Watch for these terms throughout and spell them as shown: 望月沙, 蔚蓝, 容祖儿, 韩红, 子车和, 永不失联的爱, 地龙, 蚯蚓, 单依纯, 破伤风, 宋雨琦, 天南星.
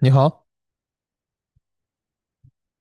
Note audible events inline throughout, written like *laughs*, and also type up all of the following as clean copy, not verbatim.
你好。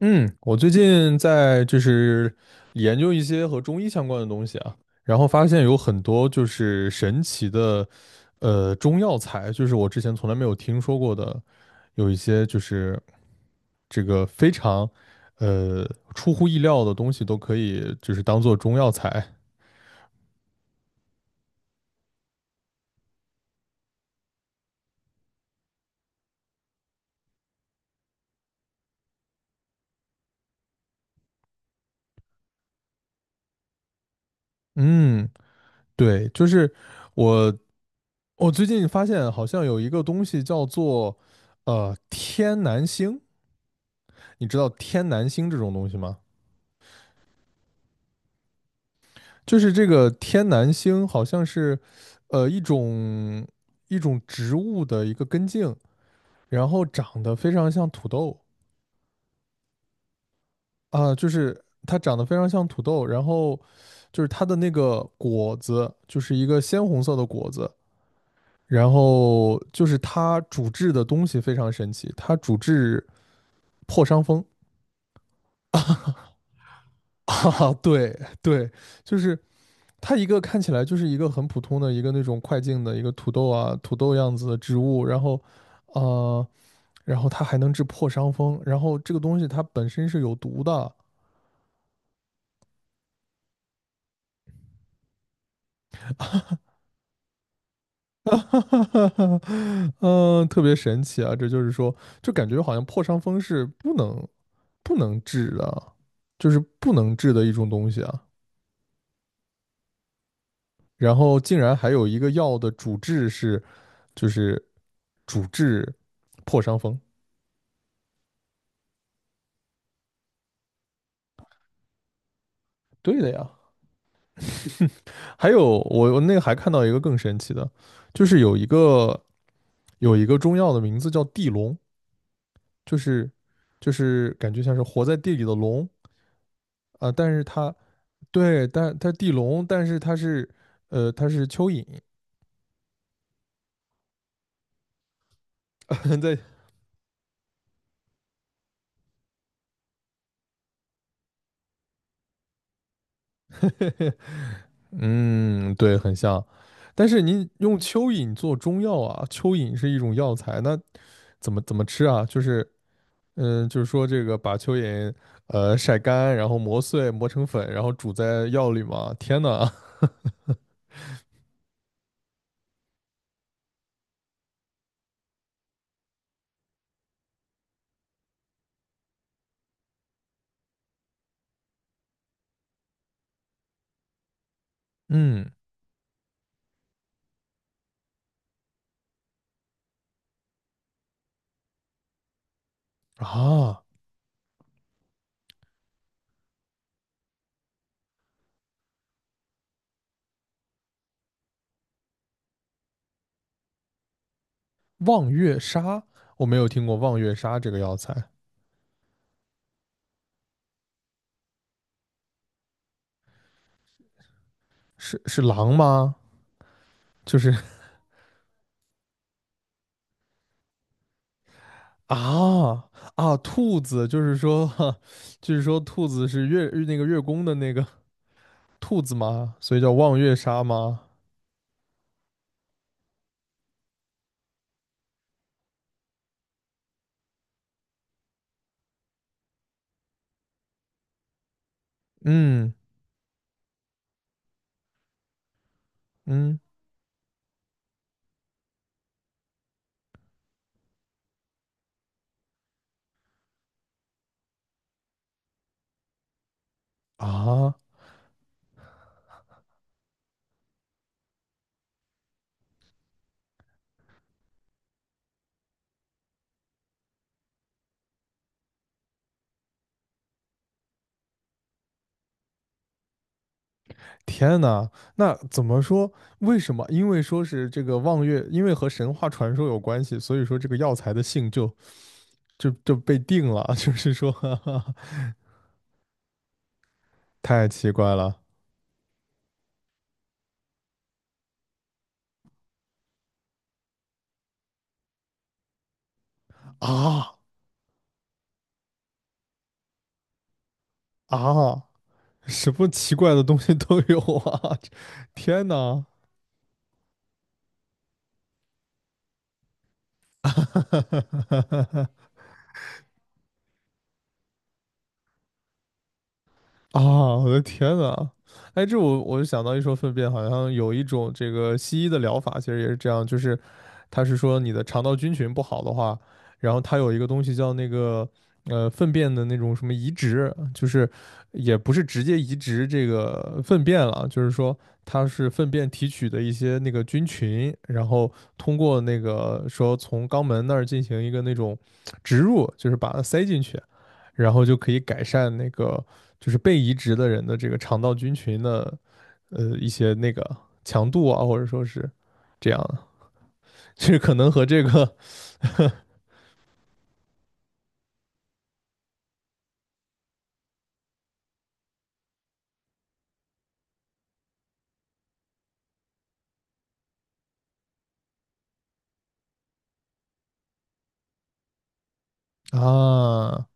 嗯，我最近在就是研究一些和中医相关的东西啊，然后发现有很多就是神奇的，中药材，就是我之前从来没有听说过的，有一些就是这个非常，呃，出乎意料的东西都可以就是当做中药材。嗯，对，就是我我最近发现好像有一个东西叫做，天南星。你知道天南星这种东西吗？就是这个天南星好像是，呃，一种一种植物的一个根茎，然后长得非常像土豆啊、就是它长得非常像土豆，然后就是它的那个果子就是一个鲜红色的果子，然后就是它主治的东西非常神奇，它主治破伤风。*laughs* 哈哈，对对，就是它一个看起来就是一个很普通的一个那种快进的一个土豆啊，土豆样子的植物，呃，然后，它还能治破伤风，然后这个东西它本身是有毒的。*laughs* 哈哈哈哈，特别神奇啊！这就是说，就感觉好像破伤风是不能治的，就是不能治的一种东西啊。然后竟然还有一个药的主治是就是主治破伤风。对的呀，还有我那个还看到一个更神奇的，就是有一个中药的名字叫地龙，就是就是感觉像是活在地里的龙啊、但是它对，但它地龙，但是它是它是蚯蚓。*laughs* 在嗯对很像，但是您用蚯蚓做中药啊，蚯蚓是一种药材，那怎么吃啊？就是说这个把蚯蚓晒干，然后磨碎磨成粉，然后煮在药里嘛，天呐！*laughs* 嗯啊，望月沙，我没有听过望月沙这个药材，是狼吗？就是 *laughs* 啊啊，兔子，就是说，*laughs* 就是说兔子是月那个月宫的那个 *laughs* 兔子吗？所以叫望月沙吗？嗯嗯啊，天呐，那怎么说？为什么？因为说是这个望月，因为和神话传说有关系，所以说这个药材的性就被定了。*laughs* 就是说，*laughs* 哈哈，太奇怪了。啊啊，什么奇怪的东西都有啊！*laughs* 天哪！*laughs* *laughs* 啊，我的天呐！哎，这我就想到一说粪便，好像有一种这个西医的疗法，其实也是这样，就是它是说你的肠道菌群不好的话，然后它有一个东西叫那个粪便的那种什么移植，就是也不是直接移植这个粪便了，就是说它是粪便提取的一些那个菌群，然后通过那个说从肛门那儿进行一个那种植入，就是把它塞进去，然后就可以改善那个。就是被移植的人的这个肠道菌群的一些那个强度啊，或者说是这样的，就是可能和这个 *laughs* 啊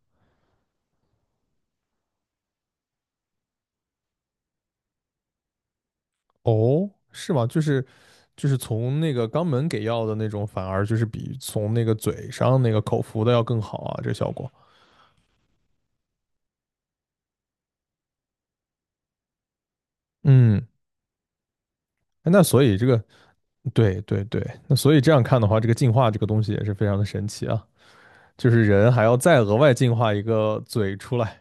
哦，是吗？就是从那个肛门给药的那种，反而就是比从那个嘴上那个口服的要更好啊，这个效果。嗯，哎那所以这个对对对，那所以这样看的话，这个进化这个东西也是非常的神奇啊，就是人还要再额外进化一个嘴出来。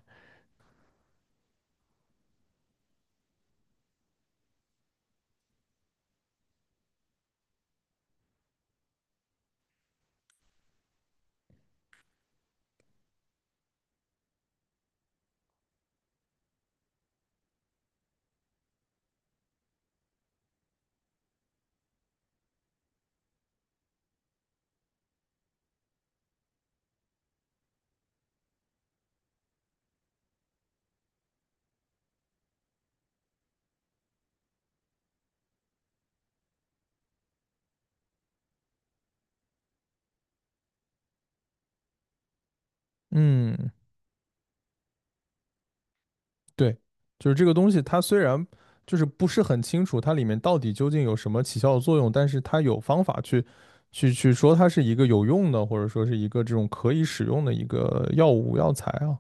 嗯，对，就是这个东西，它虽然就是不是很清楚它里面到底究竟有什么起效的作用，但是它有方法去说它是一个有用的，或者说是一个这种可以使用的一个药物药材啊。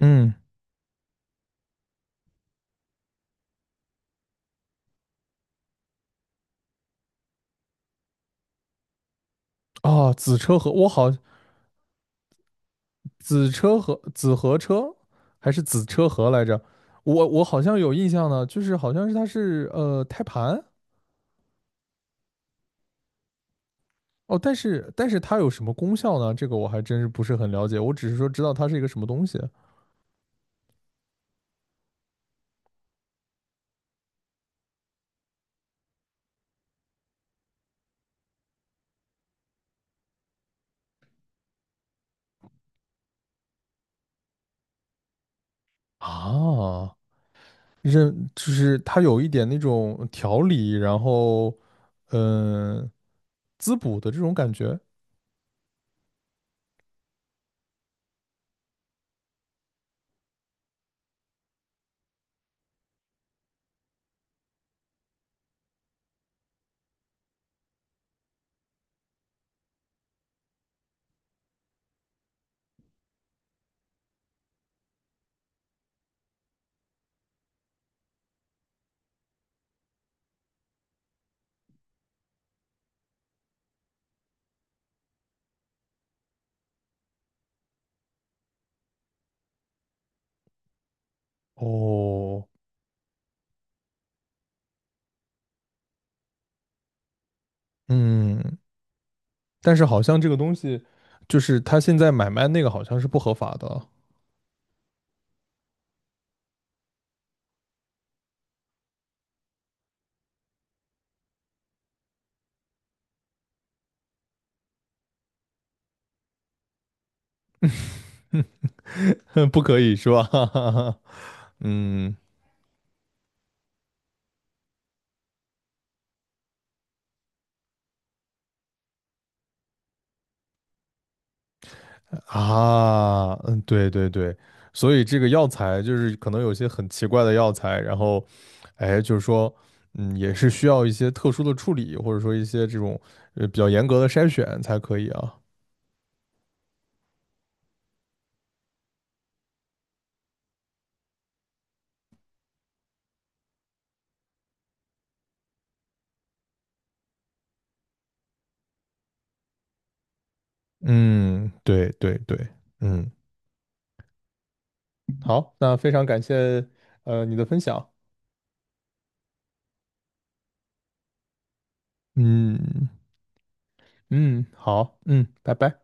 嗯，啊，子车和我好，子车和子和车还是子车和来着？我好像有印象呢，就是好像是它是胎盘哦，但是它有什么功效呢？这个我还真是不是很了解，我只是说知道它是一个什么东西。啊，认就是它有一点那种调理，然后嗯、呃滋补的这种感觉。哦，嗯，但是好像这个东西就是他现在买卖那个好像是不合法的。*laughs* 不可以是吧？*laughs* 嗯啊，嗯，对对对，所以这个药材就是可能有些很奇怪的药材，然后哎，就是说。嗯，也是需要一些特殊的处理，或者说一些这种比较严格的筛选才可以啊。嗯，对对对，嗯，好，那非常感谢你的分享。嗯嗯，好，嗯，拜拜。